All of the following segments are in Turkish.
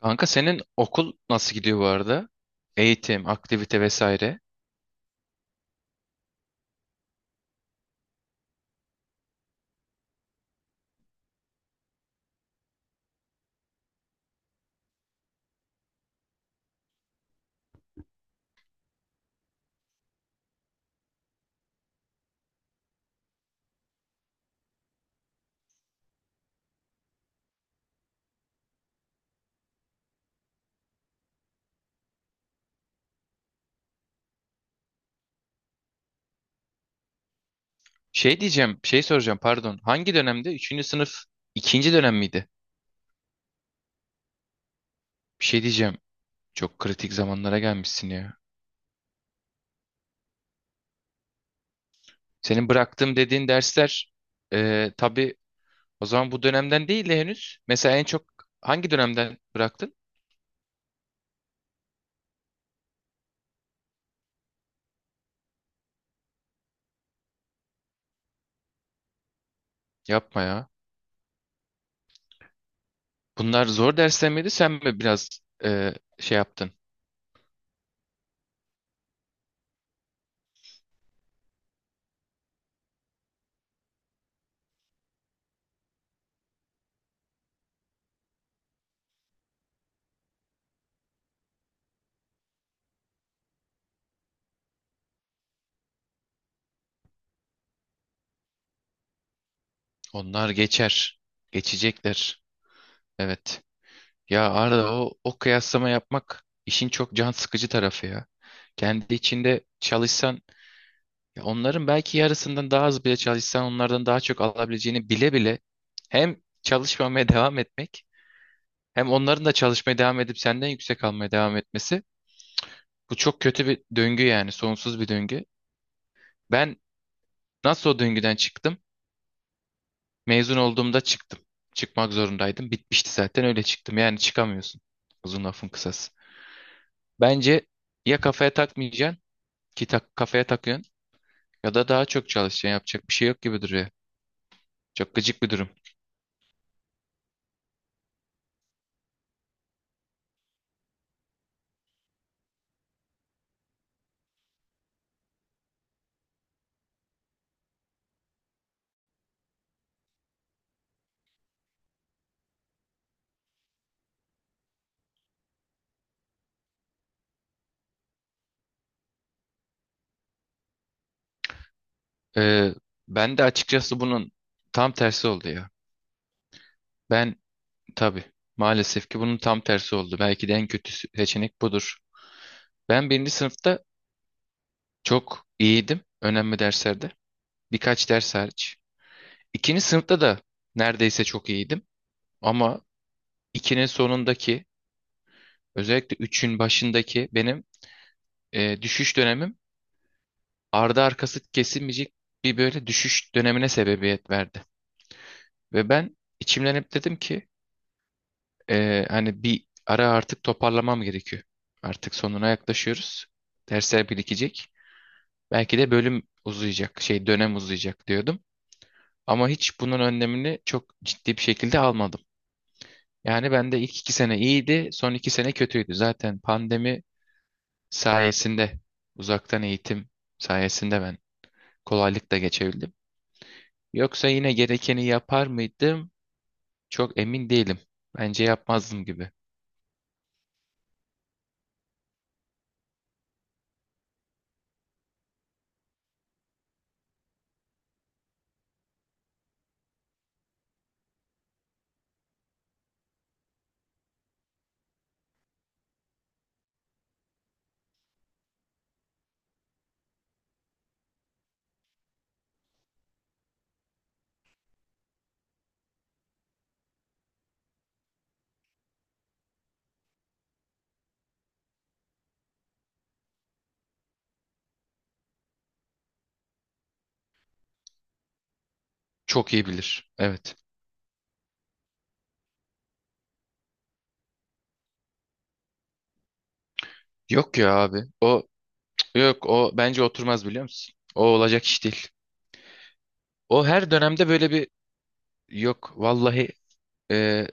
Kanka senin okul nasıl gidiyor bu arada? Eğitim, aktivite vesaire. Şey soracağım, pardon. Hangi dönemde? Üçüncü sınıf ikinci dönem miydi? Bir şey diyeceğim. Çok kritik zamanlara gelmişsin ya. Senin bıraktığım dediğin dersler, tabii, o zaman bu dönemden değil de henüz. Mesela en çok hangi dönemden bıraktın? Yapma ya. Bunlar zor dersler miydi? Sen mi biraz şey yaptın? Onlar geçer. Geçecekler. Evet. Ya Arda, o kıyaslama yapmak işin çok can sıkıcı tarafı ya. Kendi içinde çalışsan, ya onların belki yarısından daha az bile çalışsan onlardan daha çok alabileceğini bile bile, hem çalışmamaya devam etmek hem onların da çalışmaya devam edip senden yüksek almaya devam etmesi, bu çok kötü bir döngü, yani sonsuz bir döngü. Ben nasıl o döngüden çıktım? Mezun olduğumda çıktım. Çıkmak zorundaydım. Bitmişti zaten, öyle çıktım. Yani çıkamıyorsun. Uzun lafın kısası. Bence ya kafaya takmayacaksın, ki tak, kafaya takıyorsun, ya da daha çok çalışacaksın. Yapacak bir şey yok gibi duruyor. Çok gıcık bir durum. Ee, Ben de açıkçası bunun tam tersi oldu ya. Ben, tabii, maalesef ki bunun tam tersi oldu. Belki de en kötü seçenek budur. Ben birinci sınıfta çok iyiydim önemli derslerde. Birkaç ders hariç. İkinci sınıfta da neredeyse çok iyiydim. Ama ikinin sonundaki, özellikle üçün başındaki benim düşüş dönemim, ardı arkası kesilmeyecek bir böyle düşüş dönemine sebebiyet verdi. Ve ben içimden hep dedim ki, hani bir ara artık toparlamam gerekiyor. Artık sonuna yaklaşıyoruz. Dersler birikecek. Belki de bölüm uzayacak, şey, dönem uzayacak diyordum. Ama hiç bunun önlemini çok ciddi bir şekilde almadım. Yani ben de ilk 2 sene iyiydi, son 2 sene kötüydü. Zaten pandemi sayesinde, uzaktan eğitim sayesinde ben kolaylıkla geçebildim. Yoksa yine gerekeni yapar mıydım? Çok emin değilim. Bence yapmazdım gibi. Çok iyi bilir. Evet. Yok ya abi. O, yok, o bence oturmaz, biliyor musun? O olacak iş değil. O her dönemde böyle bir Yok vallahi, e,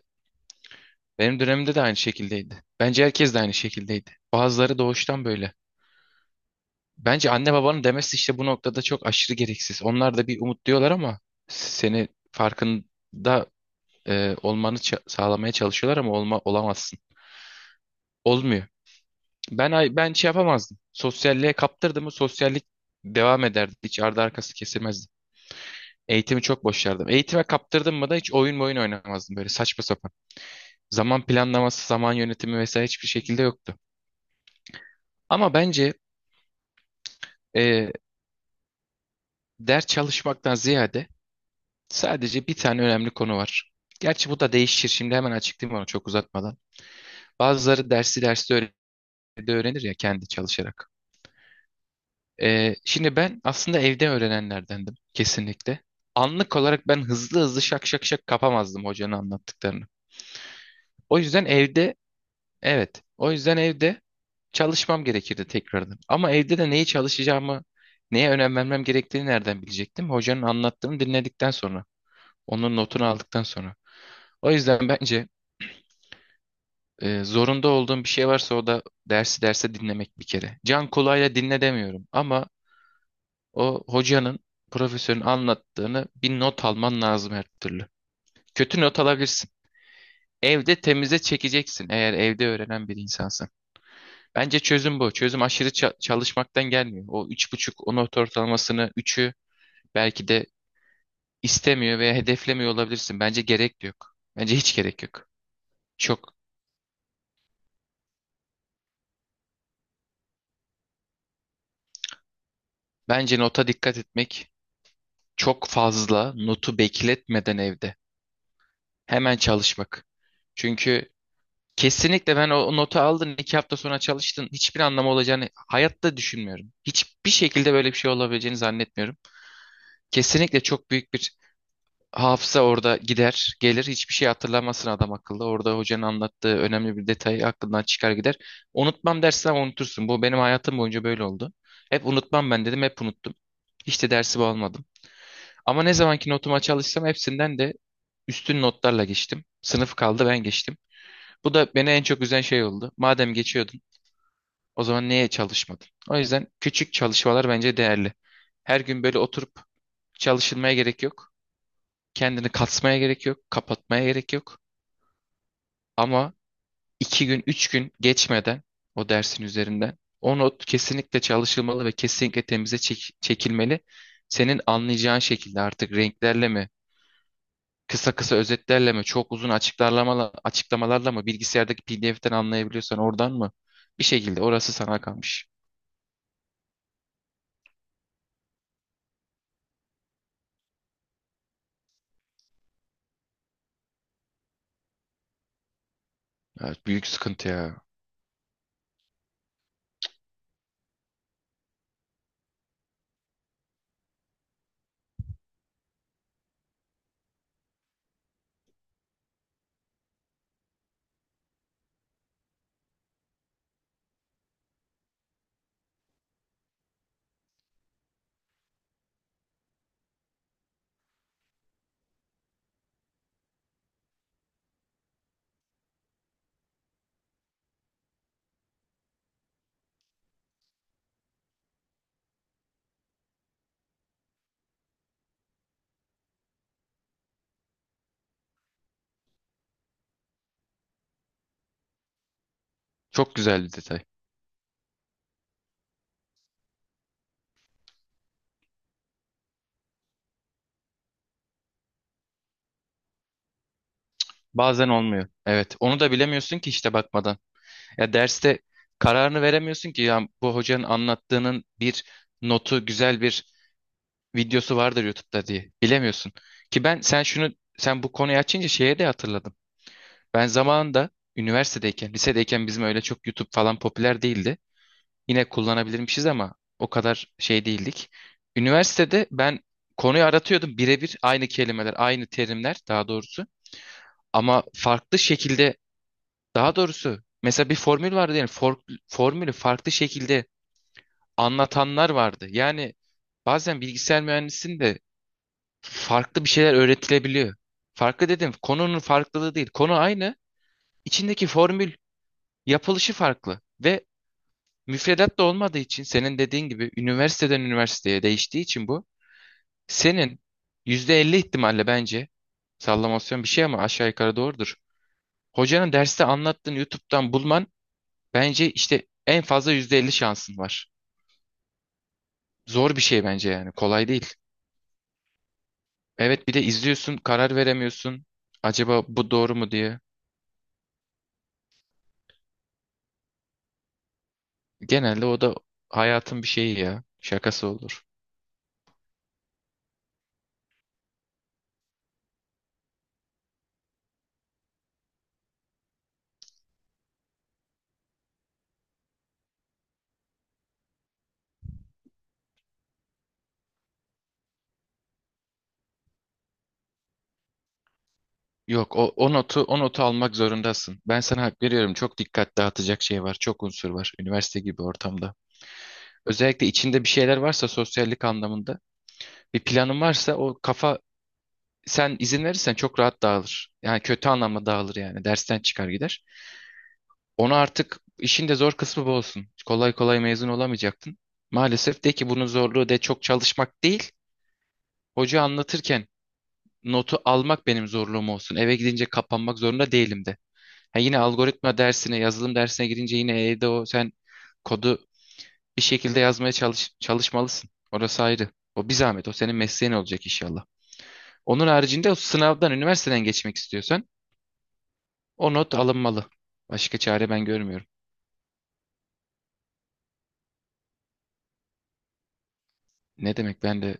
benim dönemimde de aynı şekildeydi. Bence herkes de aynı şekildeydi. Bazıları doğuştan böyle. Bence anne babanın demesi işte bu noktada çok aşırı gereksiz. Onlar da bir umut diyorlar ama seni farkında olmanı sağlamaya çalışıyorlar ama olamazsın. Olmuyor. Ben şey yapamazdım. Sosyalliğe kaptırdım mı sosyallik devam ederdi. Hiç ardı arkası kesilmezdi. Eğitimi çok boşardım. Eğitime kaptırdım mı da hiç oyun oynamazdım böyle saçma sapan. Zaman planlaması, zaman yönetimi vesaire hiçbir şekilde yoktu. Ama bence e, ders çalışmaktan ziyade sadece bir tane önemli konu var. Gerçi bu da değişir. Şimdi hemen açıklayayım, onu çok uzatmadan. Bazıları dersi derste de öğrenir ya, kendi çalışarak. Şimdi ben aslında evde öğrenenlerdendim, kesinlikle. Anlık olarak ben hızlı hızlı şak şak şak kapamazdım hocanın anlattıklarını. O yüzden evde, evet. O yüzden evde çalışmam gerekirdi tekrardan. Ama evde de neyi çalışacağımı, neye önem vermem gerektiğini nereden bilecektim? Hocanın anlattığını dinledikten sonra, onun notunu aldıktan sonra. O yüzden bence zorunda olduğum bir şey varsa o da dersi derse dinlemek, bir kere. Can kulağıyla dinle demiyorum ama o hocanın, profesörün anlattığını bir not alman lazım, her türlü. Kötü not alabilirsin. Evde temize çekeceksin, eğer evde öğrenen bir insansan. Bence çözüm bu. Çözüm aşırı çalışmaktan gelmiyor. O 3,5, o not ortalamasını, üçü belki de istemiyor veya hedeflemiyor olabilirsin. Bence gerek de yok. Bence hiç gerek yok. Çok. Bence nota dikkat etmek, çok fazla notu bekletmeden evde. Hemen çalışmak. Çünkü kesinlikle, ben o notu aldın 2 hafta sonra çalıştın, hiçbir anlamı olacağını hayatta düşünmüyorum. Hiçbir şekilde böyle bir şey olabileceğini zannetmiyorum. Kesinlikle çok büyük bir hafıza orada gider gelir, hiçbir şey hatırlamasın adam akıllı. Orada hocanın anlattığı önemli bir detayı aklından çıkar gider. Unutmam dersen unutursun, bu benim hayatım boyunca böyle oldu. Hep unutmam ben dedim, hep unuttum. Hiç de dersi almadım. Ama ne zamanki notuma çalışsam, hepsinden de üstün notlarla geçtim. Sınıf kaldı, ben geçtim. Bu da beni en çok üzen şey oldu. Madem geçiyordun, o zaman neye çalışmadın? O yüzden küçük çalışmalar bence değerli. Her gün böyle oturup çalışılmaya gerek yok. Kendini kasmaya gerek yok. Kapatmaya gerek yok. Ama 2 gün, 3 gün geçmeden o dersin üzerinden o not kesinlikle çalışılmalı ve kesinlikle temize çekilmeli. Senin anlayacağın şekilde, artık renklerle mi, kısa kısa özetlerle mi, çok uzun açıklamalarla mı, bilgisayardaki PDF'ten anlayabiliyorsan oradan mı? Bir şekilde orası sana kalmış. Evet, büyük sıkıntı ya. Çok güzel bir detay. Bazen olmuyor. Evet. Onu da bilemiyorsun ki, işte, bakmadan. Ya derste kararını veremiyorsun ki, ya bu hocanın anlattığının bir notu, güzel bir videosu vardır YouTube'da diye. Bilemiyorsun. Ki ben sen şunu Sen bu konuyu açınca şeye de hatırladım. Ben zamanında üniversitedeyken, lisedeyken bizim öyle çok YouTube falan popüler değildi. Yine kullanabilirmişiz ama o kadar şey değildik. Üniversitede ben konuyu aratıyordum, birebir aynı kelimeler, aynı terimler daha doğrusu, ama farklı şekilde. Daha doğrusu mesela bir formül vardı, yani formülü farklı şekilde anlatanlar vardı. Yani bazen bilgisayar mühendisliğinde de farklı bir şeyler öğretilebiliyor. Farklı dedim, konunun farklılığı değil. Konu aynı. İçindeki formül yapılışı farklı ve müfredat da olmadığı için, senin dediğin gibi üniversiteden üniversiteye değiştiği için, bu senin %50 ihtimalle, bence sallamasyon bir şey ama aşağı yukarı doğrudur. Hocanın derste anlattığını YouTube'dan bulman, bence işte en fazla %50 şansın var. Zor bir şey bence yani. Kolay değil. Evet, bir de izliyorsun, karar veremiyorsun. Acaba bu doğru mu diye. Genelde o da hayatın bir şeyi ya. Şakası olur. Yok o, o notu O notu almak zorundasın. Ben sana hak veriyorum. Çok dikkat dağıtacak şey var. Çok unsur var. Üniversite gibi ortamda. Özellikle içinde bir şeyler varsa, sosyallik anlamında bir planın varsa, o kafa, sen izin verirsen çok rahat dağılır. Yani kötü anlamda dağılır, yani. Dersten çıkar gider. Onu artık işin de zor kısmı bu olsun. Kolay kolay mezun olamayacaktın. Maalesef de ki bunun zorluğu de çok çalışmak değil. Hoca anlatırken notu almak benim zorluğum olsun. Eve gidince kapanmak zorunda değilim de. Ha, yine algoritma dersine, yazılım dersine girince yine evde o, sen kodu bir şekilde yazmaya çalış, çalışmalısın. Orası ayrı. O bir zahmet. O senin mesleğin olacak inşallah. Onun haricinde o sınavdan, üniversiteden geçmek istiyorsan o not alınmalı. Başka çare ben görmüyorum. Ne demek, ben de.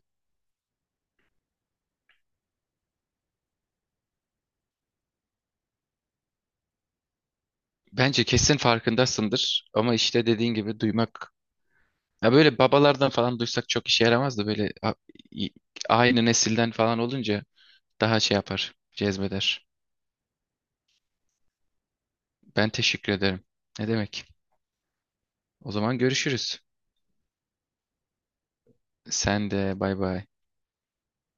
Bence kesin farkındasındır, ama işte dediğin gibi duymak, ya böyle babalardan falan duysak çok işe yaramaz, da böyle i- aynı nesilden falan olunca daha şey yapar, cezbeder. Ben teşekkür ederim. Ne demek? O zaman görüşürüz. Sen de bay bay.